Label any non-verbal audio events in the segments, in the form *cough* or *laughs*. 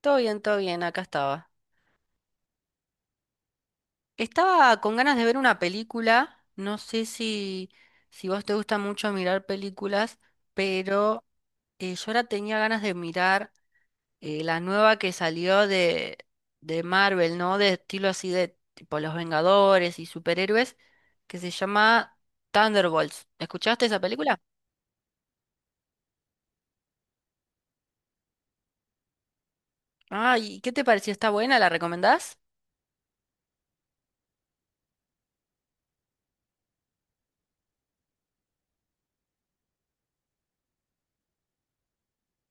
Todo bien, acá estaba. Estaba con ganas de ver una película. No sé si vos te gusta mucho mirar películas, pero yo ahora tenía ganas de mirar la nueva que salió de Marvel, ¿no? De estilo así de tipo Los Vengadores y superhéroes, que se llama Thunderbolts. ¿Escuchaste esa película? Ay, ¿qué te pareció? ¿Está buena? ¿La recomendás?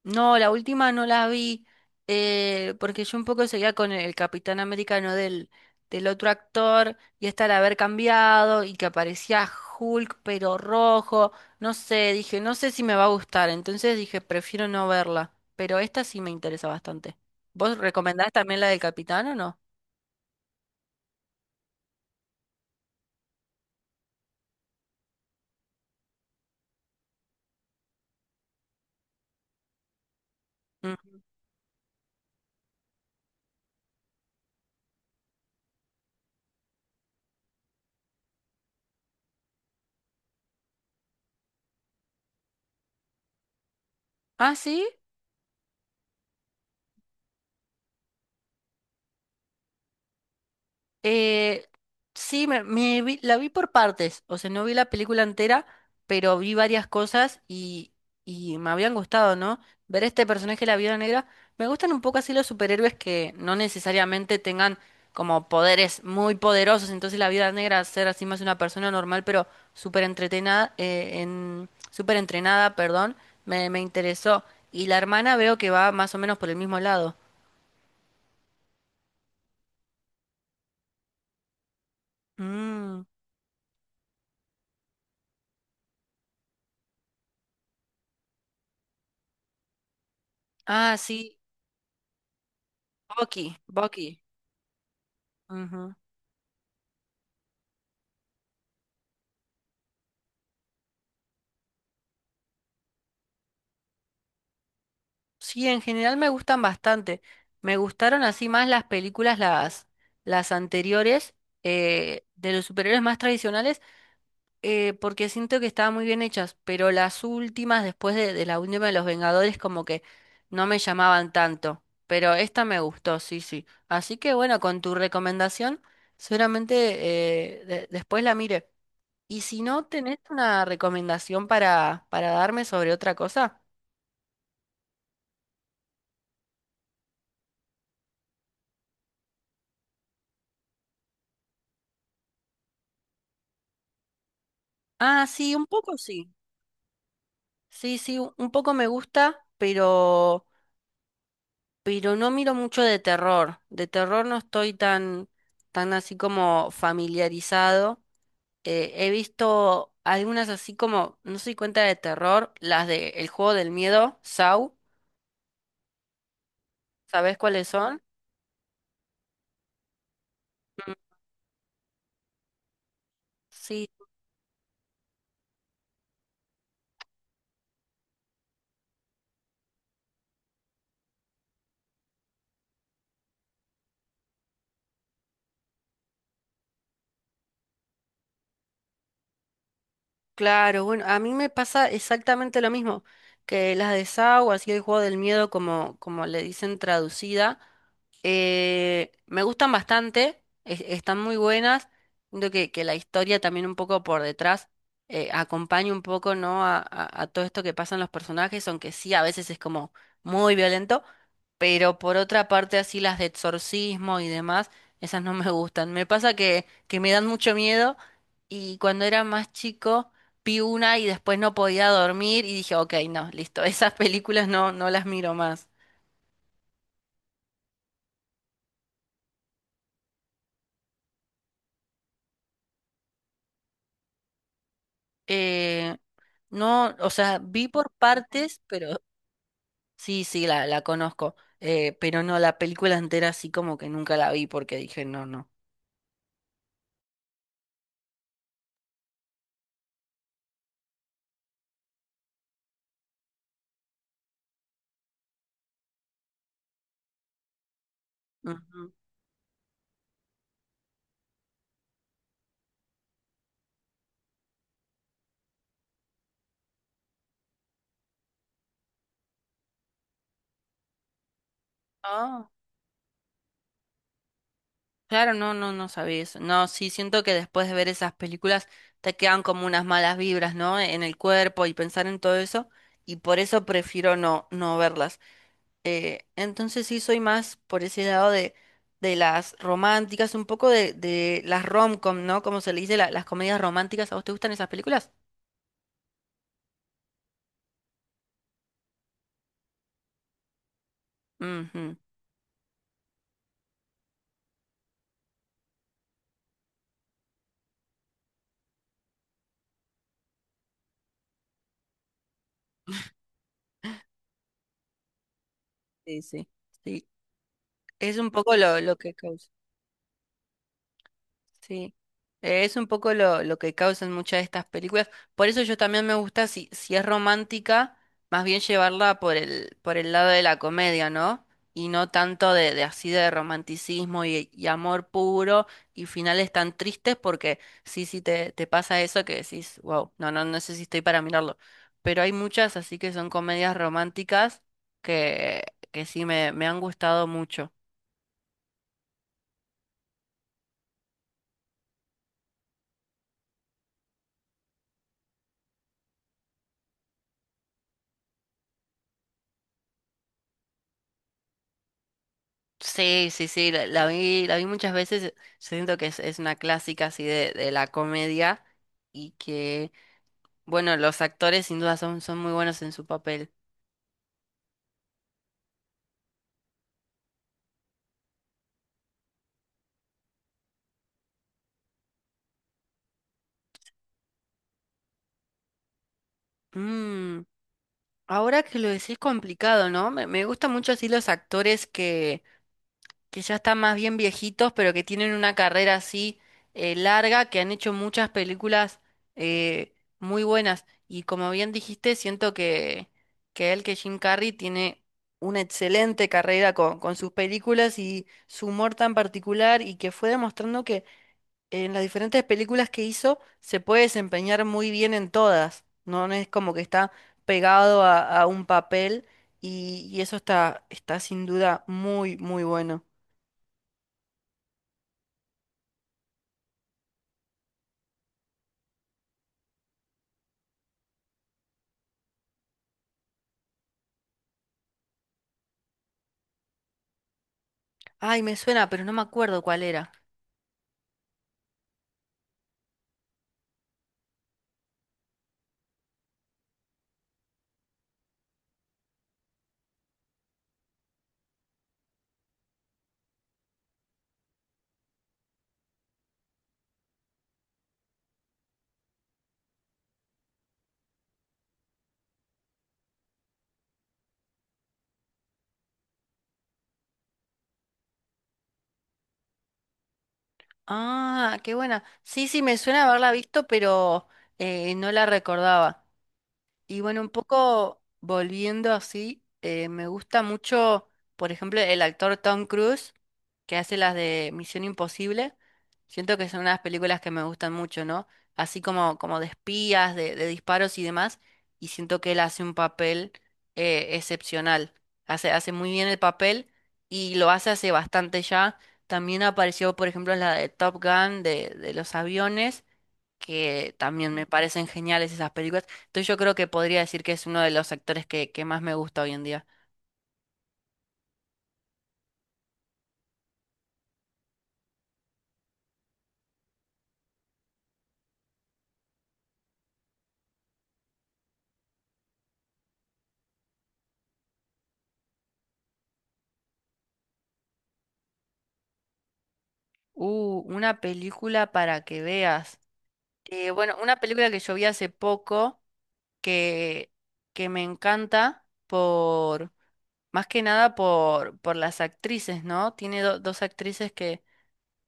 No, la última no la vi porque yo un poco seguía con el Capitán Americano del otro actor y hasta al haber cambiado y que aparecía Hulk pero rojo, no sé, dije, no sé si me va a gustar, entonces dije, prefiero no verla, pero esta sí me interesa bastante. ¿Vos recomendás también la del Capitán o no? Mm. ¿Ah, sí? Eh, sí, la vi por partes, o sea, no vi la película entera, pero vi varias cosas y me habían gustado, ¿no? Ver este personaje, la Viuda Negra, me gustan un poco así los superhéroes que no necesariamente tengan como poderes muy poderosos, entonces la Viuda Negra ser así más una persona normal, pero súper entretenada, súper entrenada, perdón, me interesó. Y la hermana veo que va más o menos por el mismo lado. Mm. Ah, sí, Bucky, Bucky. Ujú. Sí, en general me gustan bastante. Me gustaron así más las películas, las anteriores, de los superhéroes más tradicionales, porque siento que estaban muy bien hechas, pero las últimas, después de la última de los Vengadores, como que no me llamaban tanto. Pero esta me gustó, sí, sí. Así que bueno, con tu recomendación, seguramente después la mire. Y si no, ¿tenés una recomendación para darme sobre otra cosa? Ah, sí, un poco sí. Sí, sí, un poco me gusta, pero no miro mucho de terror. De terror no estoy tan así como familiarizado. He visto algunas así como, no soy cuenta de terror, las de El juego del miedo, Saw, ¿sabes cuáles son? Mm. Sí, claro, bueno, a mí me pasa exactamente lo mismo, que las de Saw, así el juego del miedo como, como le dicen traducida. Me gustan bastante, están muy buenas. Siento que la historia también un poco por detrás acompaña un poco, ¿no? A todo esto que pasan los personajes, aunque sí a veces es como muy violento, pero por otra parte así las de exorcismo y demás, esas no me gustan. Me pasa que me dan mucho miedo y cuando era más chico vi una y después no podía dormir y dije, ok, no, listo, *laughs* esas películas no, no las miro más. Eh, no, o sea, vi por partes, pero sí, sí, la conozco. Pero no, la película entera sí como que nunca la vi porque dije, no, no. Ujú. Ah, claro, no, no, no sabía eso. No, sí, siento que después de ver esas películas te quedan como unas malas vibras, ¿no? En el cuerpo y pensar en todo eso. Y por eso prefiero no, no verlas. Entonces sí soy más por ese lado de las románticas, un poco de las rom-com, ¿no? Como se le dice, las comedias románticas. ¿A vos te gustan esas películas? Ujú. Sí, sí. Sí, es un poco lo que causa. Sí, eh, es un poco lo que causan muchas de estas películas. Por eso yo también me gusta, si, si es romántica, más bien llevarla por el lado de la comedia, ¿no? Y no tanto de así de romanticismo y amor puro y finales tan tristes, porque sí, sí te pasa eso que decís, wow, no, no, no sé si estoy para mirarlo. Pero hay muchas así que son comedias románticas que, que sí me han gustado mucho. Sí, sí, sí, la vi muchas veces. Siento que es una clásica así de la comedia y que, bueno, los actores sin duda son, son muy buenos en su papel. Mm, ahora que lo decís complicado, ¿no? Me gustan mucho así los actores que ya están más bien viejitos, pero que tienen una carrera así larga, que han hecho muchas películas muy buenas. Y como bien dijiste, siento que Jim Carrey tiene una excelente carrera con sus películas y su humor tan particular y que fue demostrando que en las diferentes películas que hizo se puede desempeñar muy bien en todas. No, no es como que está pegado a un papel y eso está, está sin duda muy, muy bueno. Ay, me suena, pero no me acuerdo cuál era. Ah, qué buena. Sí, sí, me suena haberla visto, pero no la recordaba. Y bueno, un poco volviendo así, me gusta mucho, por ejemplo, el actor Tom Cruise, que hace las de Misión Imposible. Siento que son unas películas que me gustan mucho, ¿no? Así como, como de espías, de disparos y demás. Y siento que él hace un papel excepcional. Hace muy bien el papel y lo hace hace bastante ya. También apareció, por ejemplo, en la de Top Gun, de los aviones que también me parecen geniales esas películas. Entonces yo creo que podría decir que es uno de los actores que más me gusta hoy en día. Una película para que veas. Bueno, una película que yo vi hace poco que, que me encanta por, más que nada por, por las actrices, ¿no? Tiene dos actrices que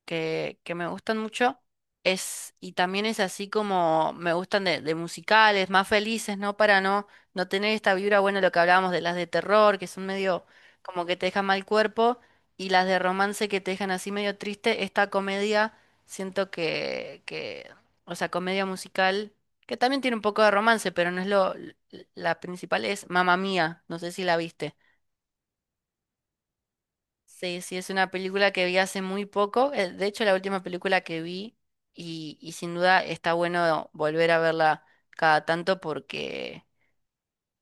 que, que me gustan mucho. Es, y también es así como me gustan de musicales, más felices, ¿no? Para no, no tener esta vibra, bueno, lo que hablábamos de las de terror, que son medio como que te dejan mal cuerpo, y las de romance que te dejan así medio triste. Esta comedia, siento o sea, comedia musical, que también tiene un poco de romance, pero no es la principal es Mamma Mía, no sé si la viste. Sí, sí, es una película que vi hace muy poco. Eh, de hecho, la última película que vi y sin duda está bueno volver a verla cada tanto porque,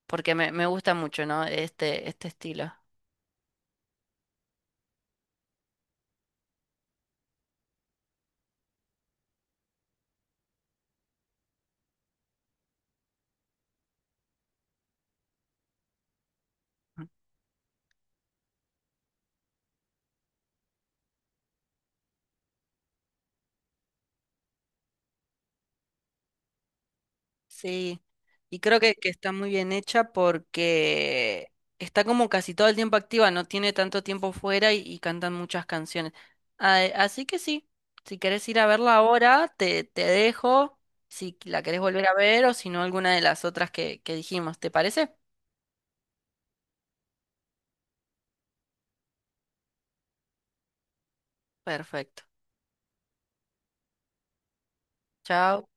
porque me gusta mucho, ¿no? Este estilo. Sí, y creo que está muy bien hecha porque está como casi todo el tiempo activa, no tiene tanto tiempo fuera y cantan muchas canciones. Ah, así que sí, si querés ir a verla ahora, te dejo, si la querés volver a ver o si no alguna de las otras que dijimos, ¿te parece? Perfecto. Chao.